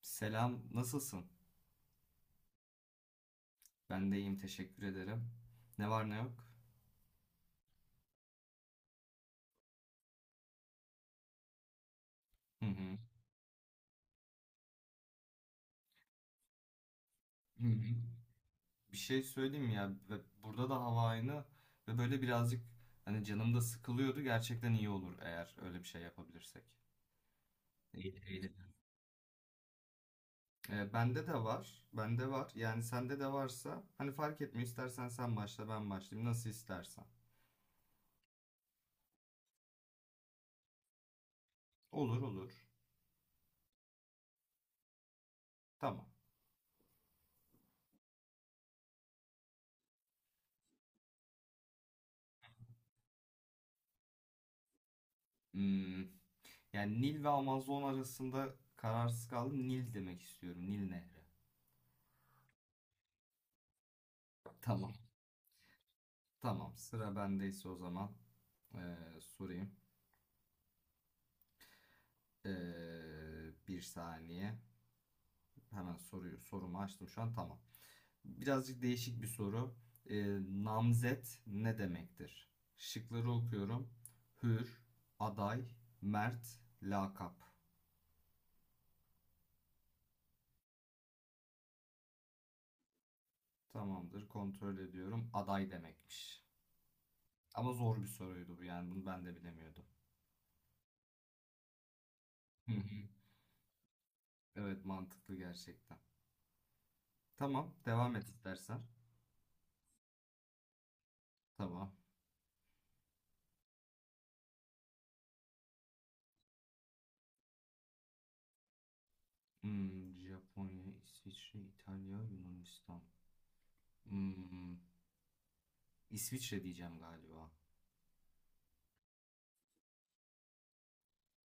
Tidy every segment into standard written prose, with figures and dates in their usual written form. Selam, nasılsın? Ben de iyiyim, teşekkür ederim. Ne var ne yok? Hı hı. Hı hı. Bir şey söyleyeyim mi ya, ve burada da hava aynı ve böyle birazcık hani canım da sıkılıyordu. Gerçekten iyi olur eğer öyle bir şey yapabilirsek. Eğilelim. Bende de var, bende var. Yani sende de varsa hani fark etmiyor. İstersen sen başla, ben başlayayım. Nasıl istersen. Olur olur. Tamam. Hmm, Yani Nil ve Amazon arasında kararsız kaldım. Nil demek istiyorum. Nil Nehri. Tamam. Tamam, sıra bendeyse o zaman sorayım. Bir saniye. Hemen soruyu sorumu açtım şu an. Tamam. Birazcık değişik bir soru. Eee, Namzet ne demektir? Şıkları okuyorum. Hür, aday, mert, lakap. Tamamdır. Kontrol ediyorum. Aday demekmiş. Ama zor bir soruydu bu yani. Bunu ben de bilemiyordum. Hı hı. Evet, mantıklı gerçekten. Tamam, devam et istersen. Tamam. Japonya, İsviçre, İtalya, Yunanistan. Hmm, İsviçre diyeceğim galiba.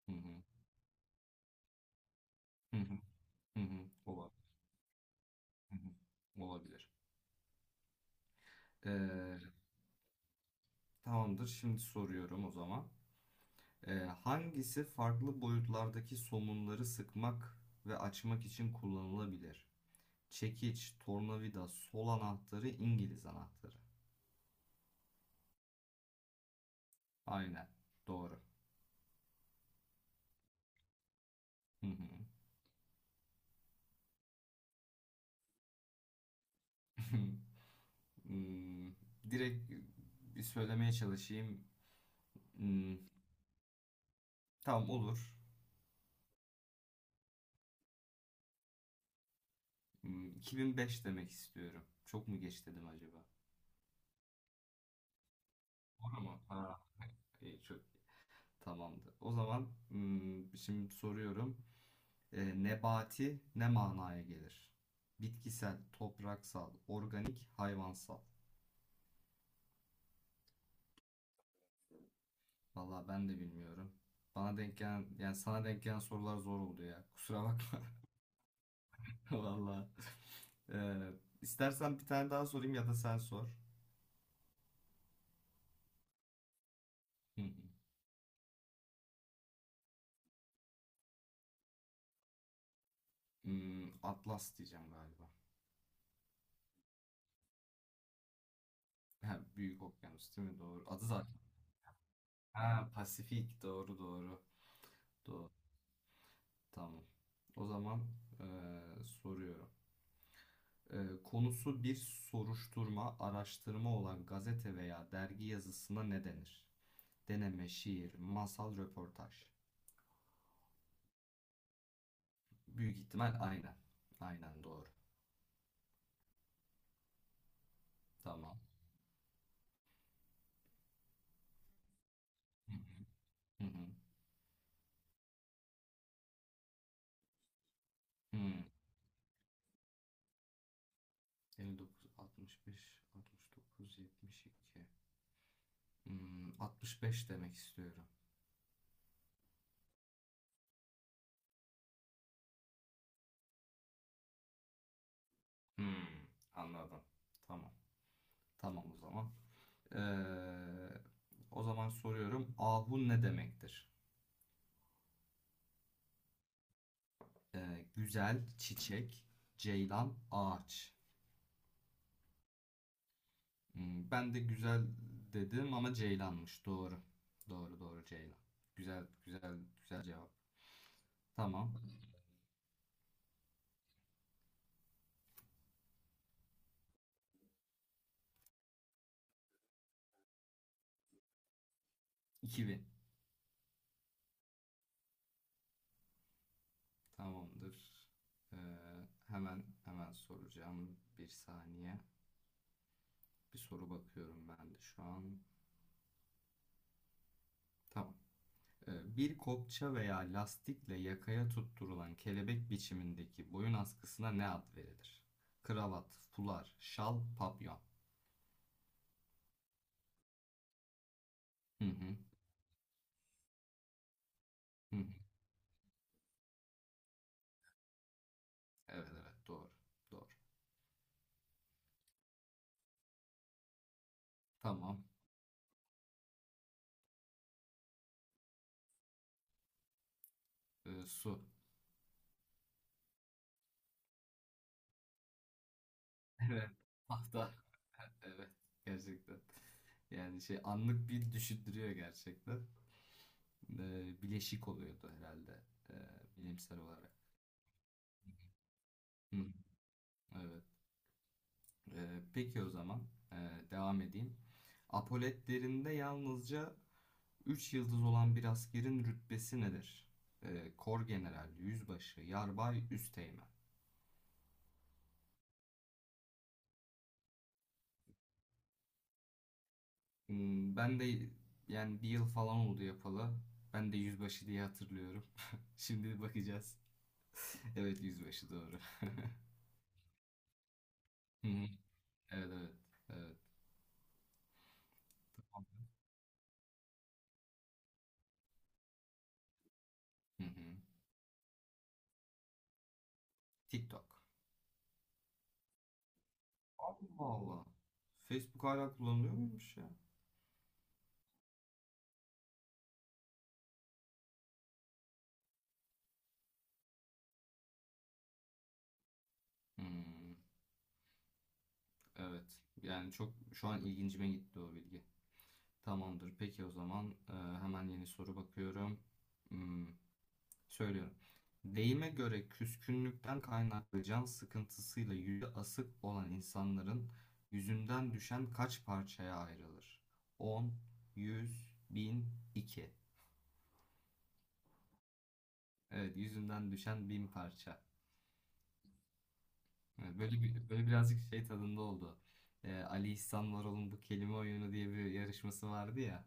Hı hı. Hı hı. Hı hı. Olabilir. Hı hı. Olabilir. Ee, Tamamdır. Şimdi soruyorum o zaman. Ee, Hangisi farklı boyutlardaki somunları sıkmak ve açmak için kullanılabilir? Çekiç, tornavida, sol anahtarı, İngiliz anahtarı. Aynen. Doğru. Hı hı. Hmm, Direkt bir söylemeye çalışayım. Hmm, tamam olur. 2005 demek istiyorum. Çok mu geç dedim acaba? Doğru mu? Ha, iyi, çok tamamdı. O zaman şimdi soruyorum. Nebati ne manaya gelir? Bitkisel, topraksal, organik, hayvansal. Vallahi ben de bilmiyorum. Bana denk gelen, yani sana denk gelen sorular zor oldu ya. Kusura bakma. Vallahi. Ee, istersen bir tane daha sorayım ya da sen sor. Hı hı. Atlas diyeceğim galiba. Ha, Büyük okyanus değil mi? Doğru. Adı zaten. Ha, Pasifik. Doğru doğru. Tamam. O zaman soruyorum. Konusu bir soruşturma, araştırma olan gazete veya dergi yazısına ne denir? Deneme, şiir, masal, röportaj. Büyük ihtimal aynen. Aynen doğru. Tamam. Hı hı. Hı hı. Hmm. 59, 65, 69, 72. 65 demek istiyorum. Hmm, Anladım. Tamam. Tamam o zaman. Ee, O zaman soruyorum. Ahun ne demektir? Güzel, çiçek, ceylan, ağaç. Ben de güzel dedim ama ceylanmış. Doğru. Doğru doğru ceylan. Güzel güzel güzel cevap. Tamam. 2000. Tamamdır. Ee, Hemen hemen soracağım. Bir saniye. Bir soru bakıyorum ben de şu an. Tamam. Bir kopça veya lastikle yakaya tutturulan kelebek biçimindeki boyun askısına ne ad verilir? Kravat, fular, şal, papyon. Hı hı. Hı hı. Evet evet doğru. Doğru. Tamam. Su. Evet. Hatta evet gerçekten. Yani şey anlık bir düşündürüyor gerçekten. Bileşik oluyordu herhalde e, bilimsel olarak. Hı, evet. Peki o zaman ee, devam edeyim. Apoletlerinde yalnızca 3 yıldız olan bir askerin rütbesi nedir? Kor general, yüzbaşı, yarbay, üsteğmen. Ben de yani bir yıl falan oldu yapalı. Ben de yüzbaşı diye hatırlıyorum. Şimdi bakacağız. Evet yüzbaşı doğru. Hı hı, evet evet. Evet. Hı hı. TikTok. Allah Allah. Facebook hala kullanılıyor muymuş ya? Hmm. Evet. Yani çok şu an ilgincime gitti o bilgi. Tamamdır. Peki o zaman hemen yeni soru bakıyorum. Hmm, Söylüyorum. Deyime göre küskünlükten kaynaklı can sıkıntısıyla yüzü asık olan insanların yüzünden düşen kaç parçaya ayrılır? 10, 100, 1000, 2. Evet, yüzünden düşen 1000 parça. Evet, böyle bir, böyle birazcık şey tadında oldu. Ali İhsan Varol'un bu kelime oyunu diye bir yarışması vardı ya.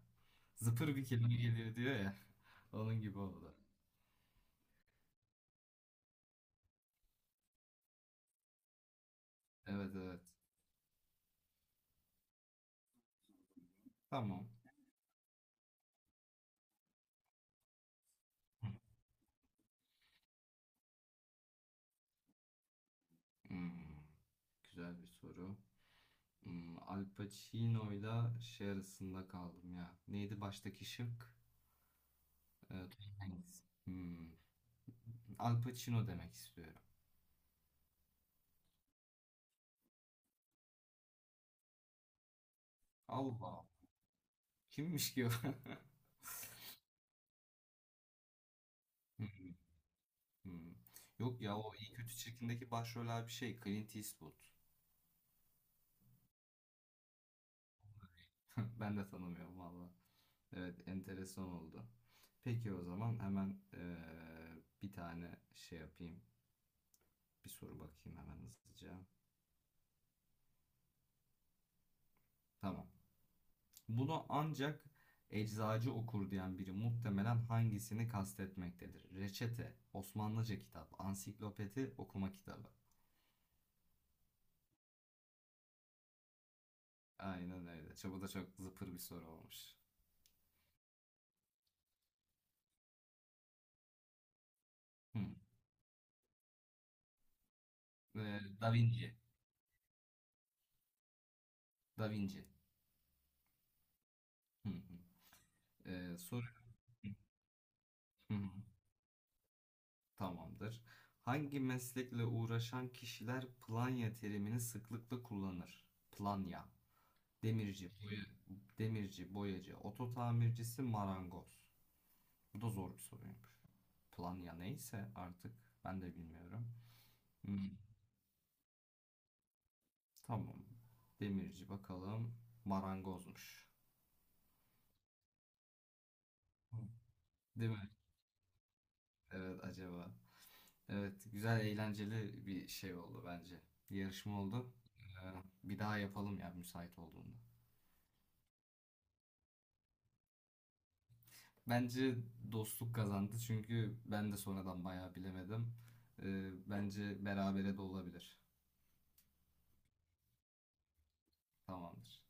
Zıpır bir kelime geliyor diyor ya. Onun gibi oldu. Evet evet. Tamam. Hmm, Güzel bir soru. Al Pacino'yla şey arasında kaldım ya. Neydi baştaki şık? Tom Hanks. Al Pacino demek istiyorum. Allah. Kimmiş ki o? Hmm. Yok ya o iyi kötü çirkindeki başroller bir şey. Clint Eastwood. Ben de tanımıyorum valla. Evet, enteresan oldu. Peki o zaman hemen bir tane şey yapayım. Bir soru bakayım hemen hızlıca. Tamam. Bunu ancak eczacı okur diyen biri muhtemelen hangisini kastetmektedir? Reçete, Osmanlıca kitap, ansiklopedi, okuma kitabı. Aynen öyle. Bu da çok zıpır bir soru olmuş. Hı. Da Vinci. Da Vinci. Hı hı. Soru. Hı hı. Tamamdır. Hangi meslekle uğraşan kişiler planya terimini sıklıkla kullanır? Planya, demirci, boya, demirci, boyacı, oto tamircisi, marangoz. Bu da zor bir soruymuş. Planya neyse artık ben de bilmiyorum. Hmm, Tamam. Demirci bakalım. Marangozmuş. Hı. Değil mi? Evet acaba. Evet, güzel eğlenceli bir şey oldu bence. Yarışma oldu. Ee, Bir daha yapalım ya müsait olduğunda. Bence dostluk kazandı çünkü ben de sonradan bayağı bilemedim. Bence berabere de olabilir. Tamamdır.